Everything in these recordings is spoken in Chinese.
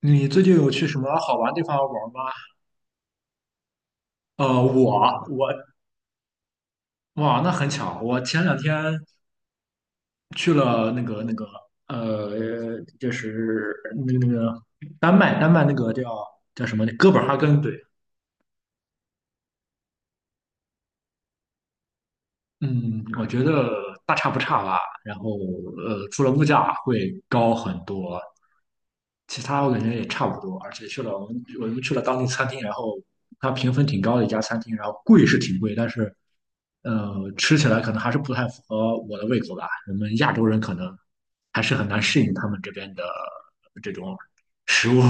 你最近有去什么好玩的地方玩吗？呃，我我哇，那很巧，我前两天去了那个呃，就是那个那个丹麦，丹麦那个叫叫什么哥本哈根，对。嗯，我觉得大差不差吧。然后除了物价会高很多，其他我感觉也差不多，而且去了我们去了当地餐厅，然后它评分挺高的一家餐厅，然后贵是挺贵，但是吃起来可能还是不太符合我的胃口吧。我们亚洲人可能还是很难适应他们这边的这种食物。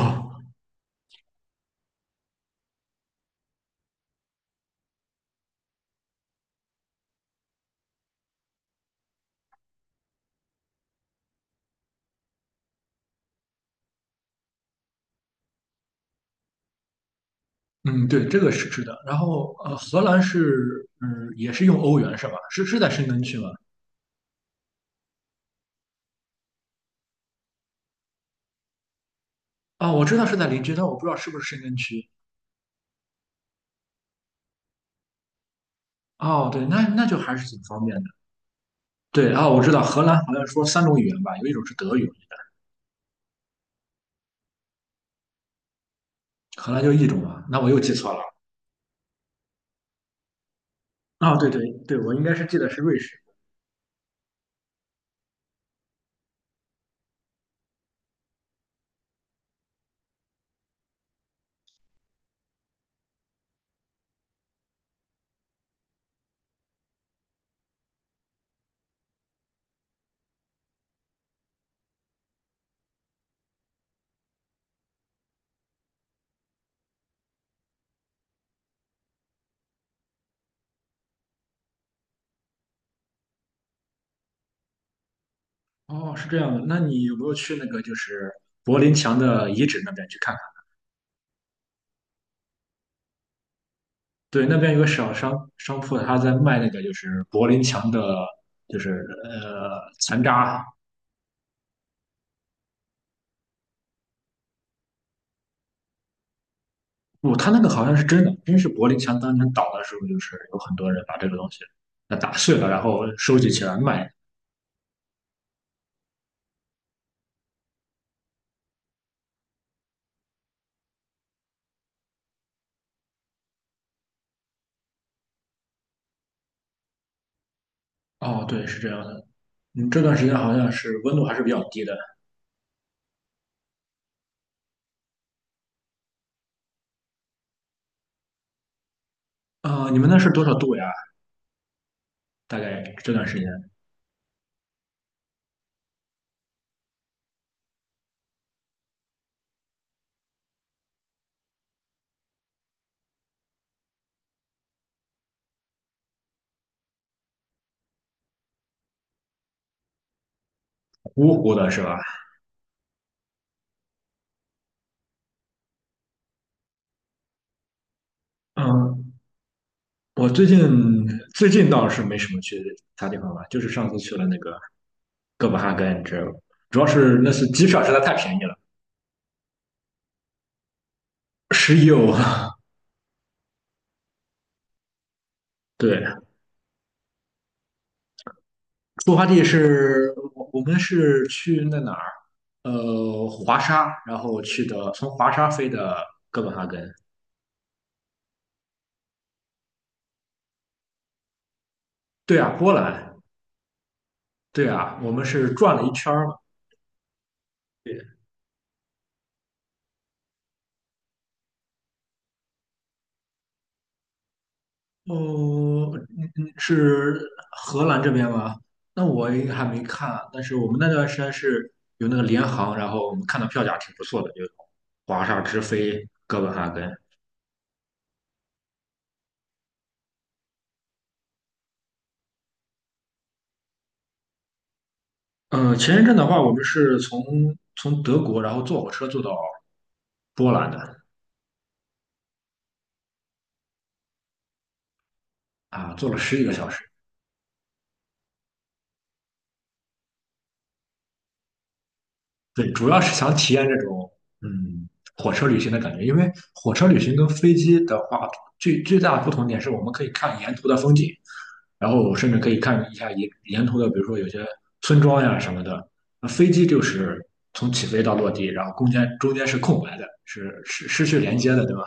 嗯，对，这个是的。然后荷兰是嗯也是用欧元是吧？是在申根区吗？啊、我知道是在邻居，但我不知道是不是申根区。哦，对，那就还是挺方便的。对，啊，我知道荷兰好像说三种语言吧，有一种是德语。荷兰就一种嘛。那我又记错了。啊、对对对，我应该是记得是瑞士。哦，是这样的。那你有没有去那个就是柏林墙的遗址那边去看看？对，那边有个小商铺，他在卖那个就是柏林墙的，就是残渣。不，他那个好像是真的，真是柏林墙当年倒的时候，就是有很多人把这个东西打碎了，然后收集起来卖。哦，对，是这样的。嗯，这段时间好像是温度还是比较低的。你们那是多少度呀？大概这段时间芜湖的是吧？嗯，我最近最近倒是没什么去其他地方玩，就是上次去了那个哥本哈根，知道吧？主要是那次机票实在太便宜了，11欧啊。对，出发地是我们是去哪儿？呃，华沙，然后去的从华沙飞的哥本哈根。对啊，波兰。对啊，我们是转了一圈儿嘛。对。哦，嗯嗯，是荷兰这边吗？那我应该还没看啊，但是我们那段时间是有那个联航，然后我们看到票价挺不错的，就华沙直飞哥本哈根。嗯，前一阵的话，我们是从德国，然后坐火车坐到波兰的。啊，坐了十几个小时。对，主要是想体验这种嗯火车旅行的感觉，因为火车旅行跟飞机的话，最大的不同点是我们可以看沿途的风景，然后甚至可以看一下沿途的，比如说有些村庄呀什么的。那飞机就是从起飞到落地，然后中间是空白的，是失去连接的，对吧？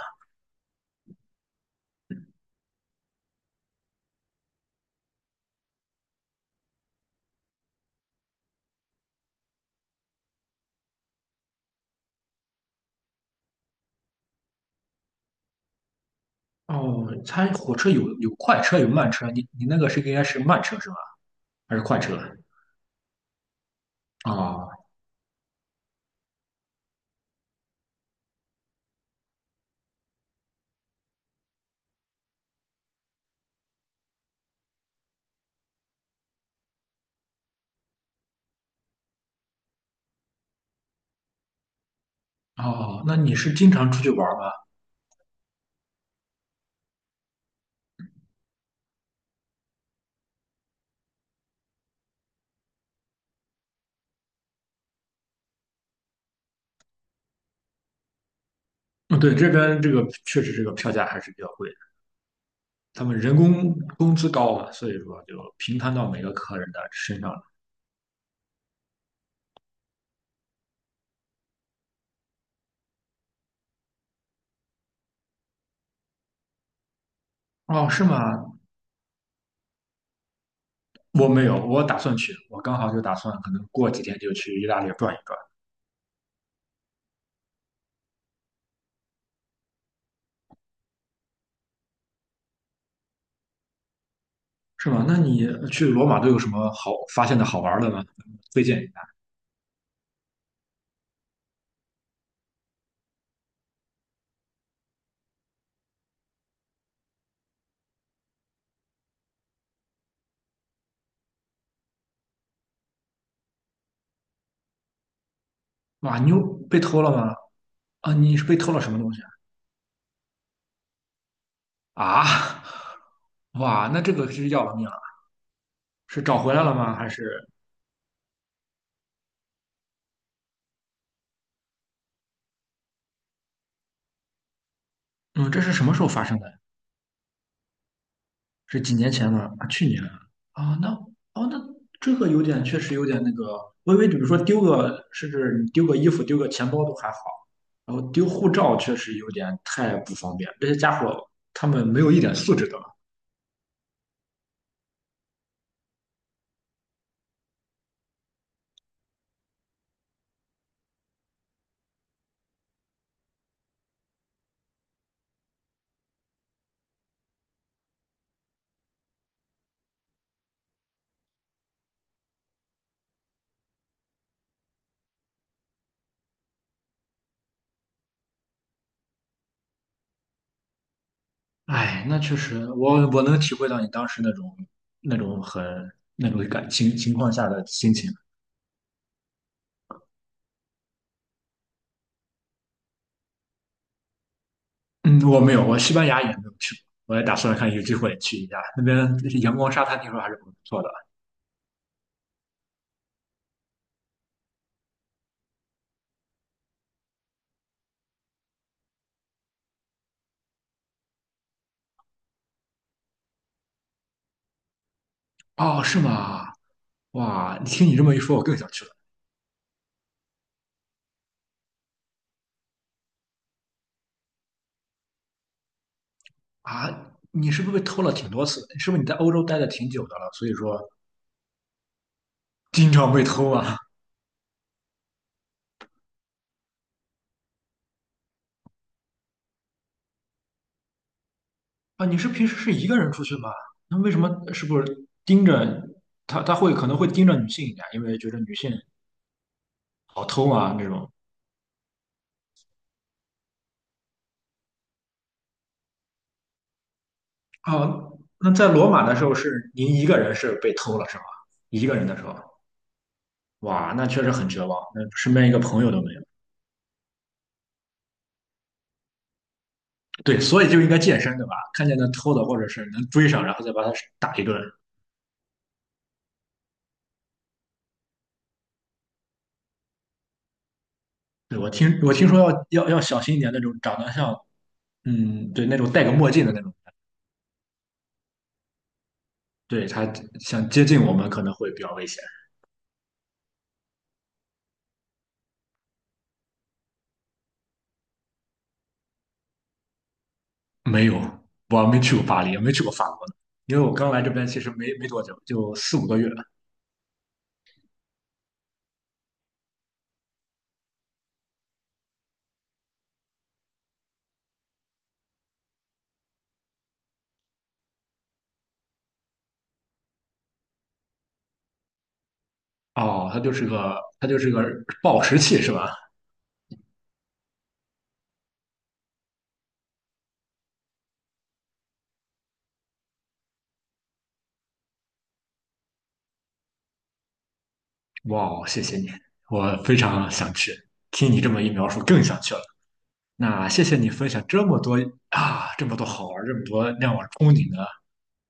哦，它火车有快车有慢车，你那个是应该是慢车是吧？还是快车？哦。哦，那你是经常出去玩吗？嗯，对，这边这个确实这个票价还是比较贵的，他们人工工资高嘛，所以说就平摊到每个客人的身上了。哦，是吗？我没有，我打算去，我刚好就打算可能过几天就去意大利转一转。是吗？那你去罗马都有什么好发现的好玩的吗？推荐一下。哇，你又被偷了吗？啊，你是被偷了什么东西啊？啊，哇，那这个是要了命了，是找回来了吗？还是嗯，这是什么时候发生的？是几年前了啊，去年啊，那哦，那这个有点，确实有点那个。微微，为比如说丢个，甚至你丢个衣服、丢个钱包都还好，然后丢护照确实有点太不方便。这些家伙他们没有一点素质的。哎，那确实，我能体会到你当时那种那种很那种感情情况下的心情。嗯，我没有，我西班牙也没有去过，我也打算看有机会去一下，那边阳光沙滩听说还是不错的。哦，是吗？哇，听你这么一说，我更想去了。啊！你是不是被偷了挺多次？是不是你在欧洲待的挺久的了，所以说经常被偷啊？啊，你是平时是一个人出去吗？那为什么是不是盯着他？他会可能会盯着女性一点，因为觉得女性好偷啊那种。啊，那在罗马的时候是您一个人是被偷了是吧？一个人的时候，哇，那确实很绝望，那身边一个朋友都没有。对，所以就应该健身对吧？看见那偷的或者是能追上，然后再把他打一顿。对，我听说要小心一点那种长得像，嗯，对，那种戴个墨镜的那种，对，他想接近我们可能会比较危险。没有，我没去过巴黎，也没去过法国呢，因为我刚来这边其实没多久，就4、5个月。哦，它就是个暴食器是吧？哇哦，谢谢你，我非常想去。听你这么一描述，更想去了。那谢谢你分享这么多啊，这么多好玩儿，这么多让我憧憬的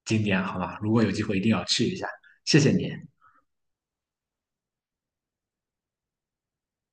景点，好吧？如果有机会一定要去一下，谢谢你。